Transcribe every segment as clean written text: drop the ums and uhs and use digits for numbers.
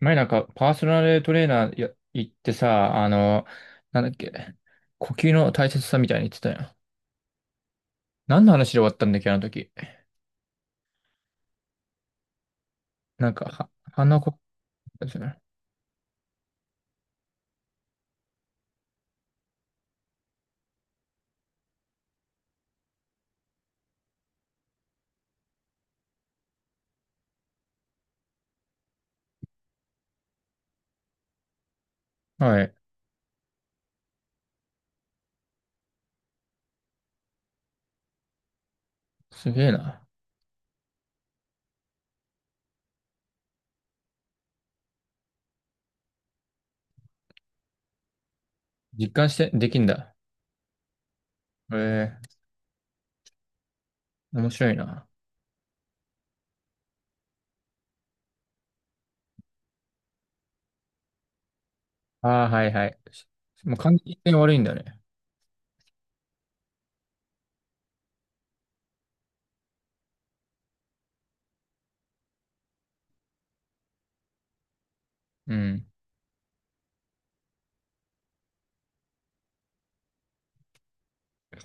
前なんかパーソナルトレーナーや行ってさ、なんだっけ、呼吸の大切さみたいに言ってたよ。何の話で終わったんだっけ、あの時。なんか、は、鼻こ、はい。すげえな。実感して、できんだ。ええ、面白いな。ああ、はいはい。もう換気性悪いんだね。うん。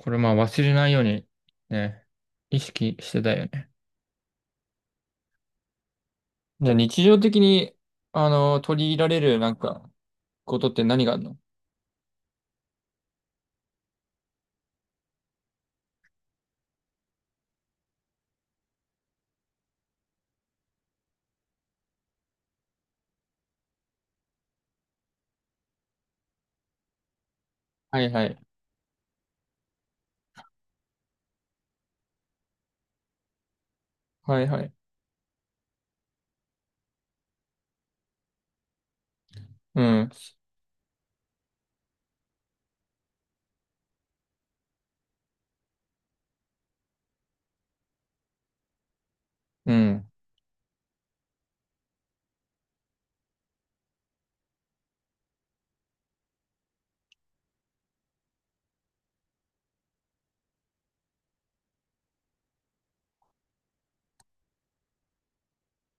これまあ忘れないように、ね、意識してたよね。じゃあ日常的に、取り入れられるなんか、ことって何があるの？はいはい。はいはい。うん。うん。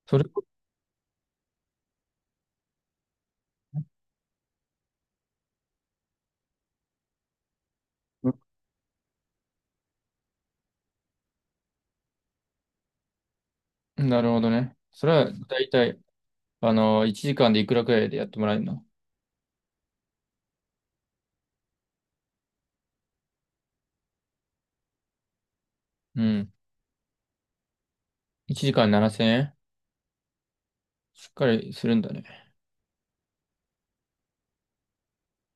それ、うん、なるほどね。それは、だいたい、1時間でいくらくらいでやってもらえるの？うん。1時間7000円？しっかりするんだね。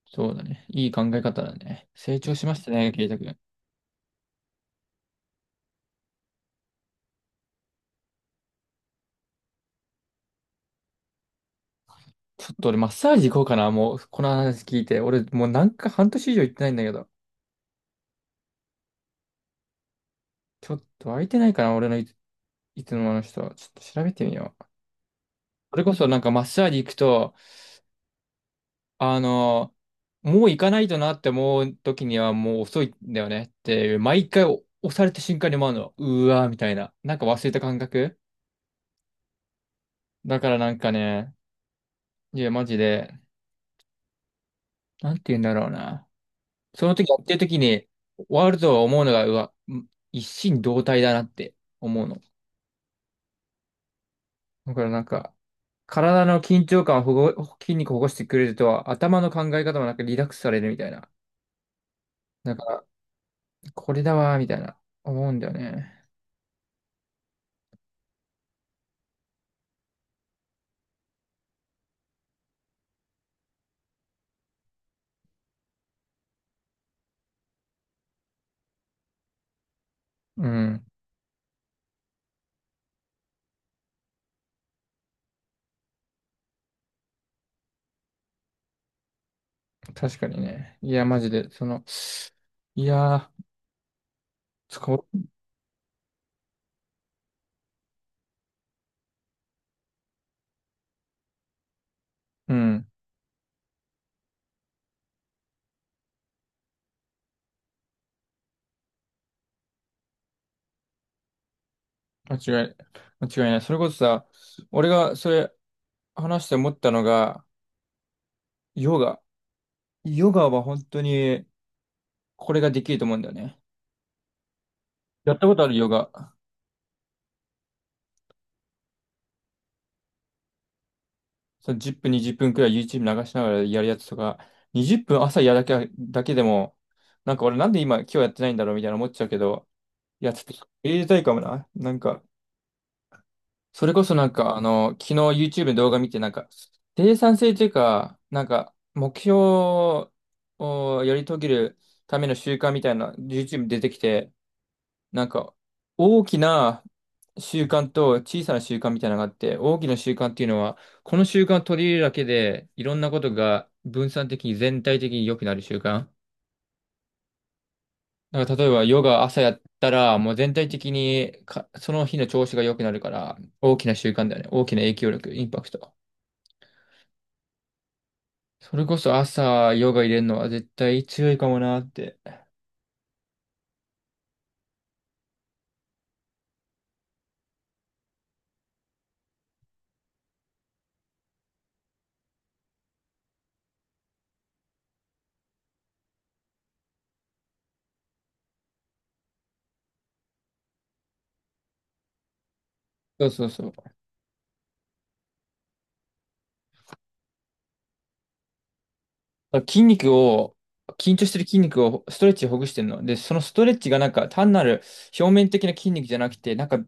そうだね。いい考え方だね。成長しましたね、ケイタ君。ちょっと俺、マッサージ行こうかな。もう、この話聞いて。俺、もうなんか半年以上行ってないんだけど。ちょっと空いてないかな、俺のいつもの人。ちょっと調べてみよう。それこそなんかマッサージ行くと、あの、もう行かないとなって思う時にはもう遅いんだよねっていう、毎回押された瞬間に思うの、うわーみたいな、なんか忘れた感覚。だからなんかね、いや、マジで、なんて言うんだろうな。その時やってる時に、ワールドを思うのが、うわ、ん、一心同体だなって思うの。だからなんか、体の緊張感を筋肉をほぐしてくれると、頭の考え方もなんかリラックスされるみたいな。だから、これだわーみたいな、思うんだよね。うん。確かにね。いや、マジで、その、いやー、使う、うん、間違い、間違いない。それこそさ、俺がそれ話して思ったのが、ヨガ。ヨガは本当に、これができると思うんだよね。やったことあるヨガ？その10分、20分くらい YouTube 流しながらやるやつとか、20分朝やるだけでも、なんか俺なんで今日やってないんだろうみたいな思っちゃうけど、いや、ちょっと、入れたいかもな。なんか、それこそなんか、昨日 YouTube で動画見て、なんか、生産性というか、なんか、目標をやり遂げるための習慣みたいな YouTube 出てきて、なんか、大きな習慣と小さな習慣みたいなのがあって、大きな習慣っていうのは、この習慣を取り入れるだけで、いろんなことが分散的に全体的に良くなる習慣。なんか例えばヨガ朝やったら、もう全体的にか、その日の調子が良くなるから、大きな習慣だよね。大きな影響力、インパクト。それこそ朝ヨガ入れるのは絶対強いかもなって。そうそうそう。だから筋肉を、緊張してる筋肉をストレッチでほぐしてるの。で、そのストレッチがなんか単なる表面的な筋肉じゃなくて、なんか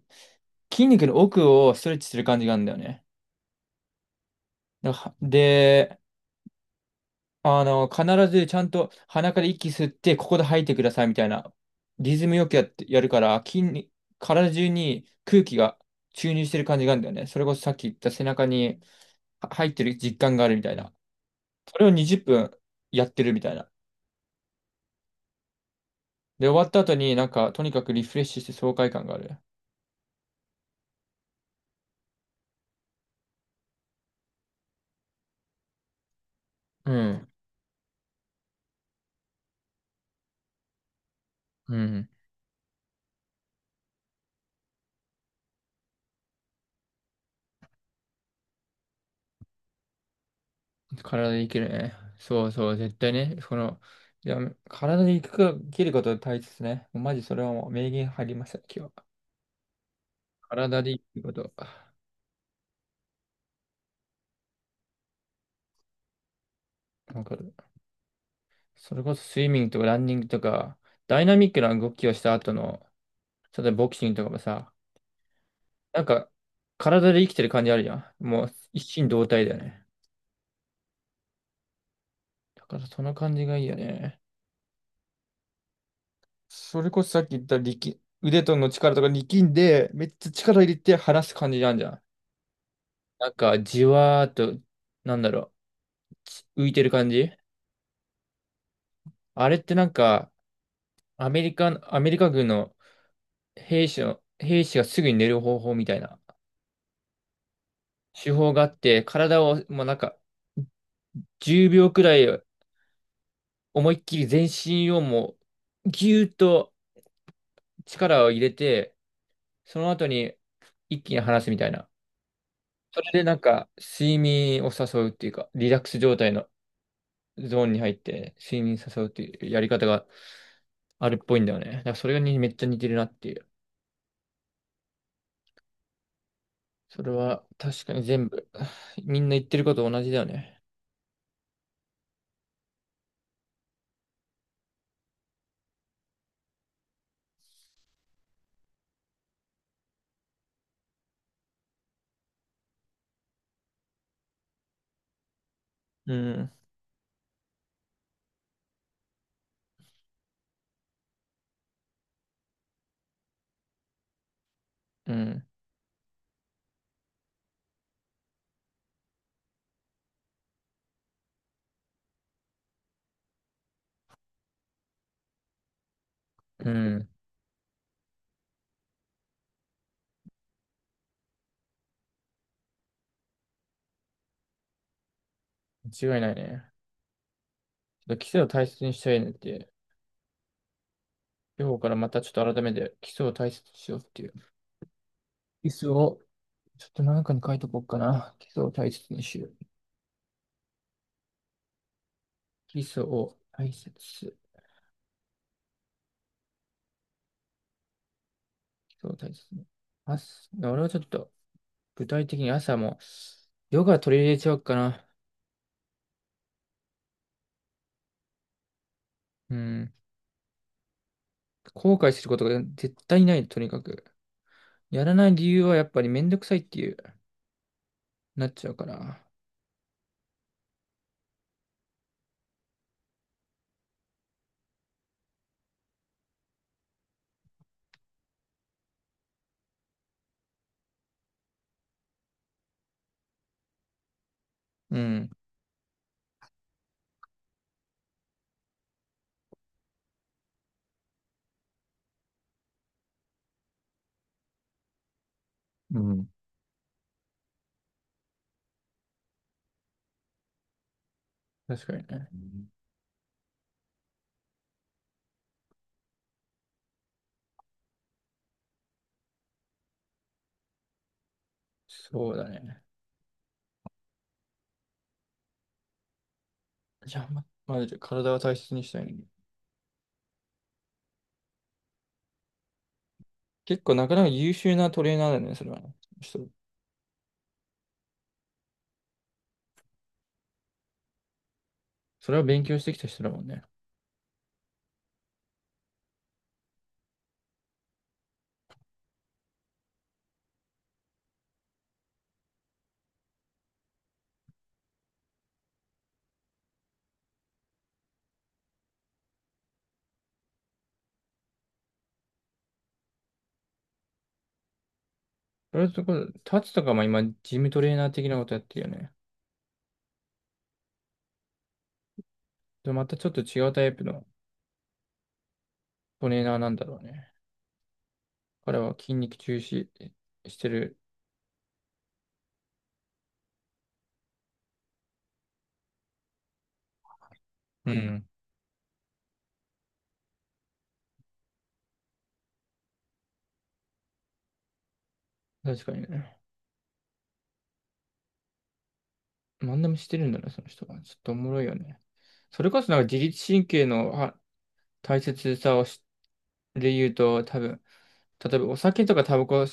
筋肉の奥をストレッチする感じがあるんだよね。だからで、必ずちゃんと鼻から息吸って、ここで吐いてくださいみたいな、リズムよくやって、やるから、体中に空気が注入してる感じがあるんだよね。それこそさっき言った背中には入ってる実感があるみたいな。それを20分やってるみたいな。で、終わった後になんか、とにかくリフレッシュして爽快感がある。うん。うん。体でいけるね。そうそう、絶対ね。その、いや、体でいくか、生きることが大切ね。もうマジそれはもう名言入りました、今日は。体で生きること。わかる。それこそスイミングとかランニングとか、ダイナミックな動きをした後の、例えばボクシングとかもさ、なんか、体で生きてる感じあるじゃん。もう一心同体だよね。だからその感じがいいよね。それこそさっき言った腕との力とか力んで、めっちゃ力入れて離す感じなんじゃん。なんか、じわーっと、なんだろう、浮いてる感じあれってなんか、アメリカ軍の兵士がすぐに寝る方法みたいな手法があって、体をもうなんか、10秒くらい思いっきり全身をもう、ぎゅーっと力を入れて、その後に一気に離すみたいな。それでなんか、睡眠を誘うっていうか、リラックス状態のゾーンに入って睡眠誘うっていうやり方があるっぽいんだよね。だからそれがにめっちゃ似てるなっていう。それは確かに全部、みんな言ってること同じだよね。うん、うん、うん。間違いないね。ちょっと基礎を大切にしたいねっていう。今日からまたちょっと改めて基礎を大切にしようっていう。基礎をちょっと何かに書いとこうかな。基礎を大切にしよう。基礎を大切。基礎を大切に。朝、俺はちょっと具体的に朝もヨガ取り入れちゃおうかな。うん。後悔することが絶対ない、とにかく。やらない理由はやっぱりめんどくさいっていう、なっちゃうから。うん。うん。確かにね。そうだね。じゃあ、まず体は大切にしたいね。結構なかなか優秀なトレーナーだよね、それはね。人。それは勉強してきた人だもんね。それところ、タツとかも今、ジムトレーナー的なことやってるよね。でまたちょっと違うタイプのトレーナーなんだろうね。彼は筋肉重視してる。うん。確かにね。何でもしてるんだね、その人は。ちょっとおもろいよね。それこそなんか自律神経のは大切さをしで言うと、多分、例えばお酒とかタバコ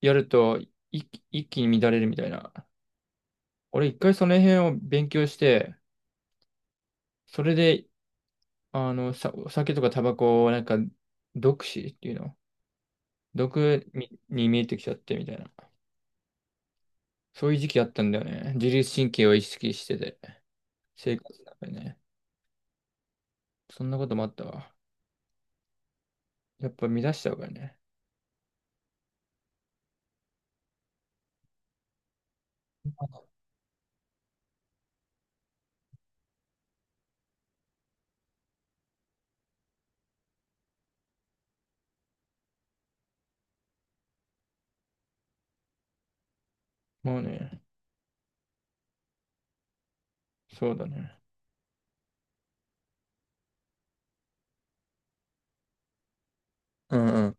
やると一気に乱れるみたいな。俺一回その辺を勉強して、それで、さ、お酒とかタバコをなんか、毒死っていうの毒に見えてきちゃってみたいな。そういう時期あったんだよね。自律神経を意識してて、生活の中でね。そんなこともあったわ。やっぱ乱しちゃうからね。もうね。そうだね。うんうん。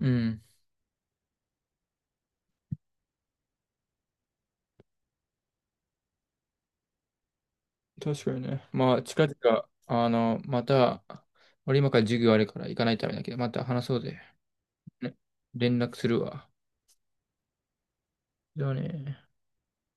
うん。確かにね。まあ、近々、また、俺今から授業あるから行かないとダメだけど、また話そうぜ。ね、連絡するわ。じゃあね。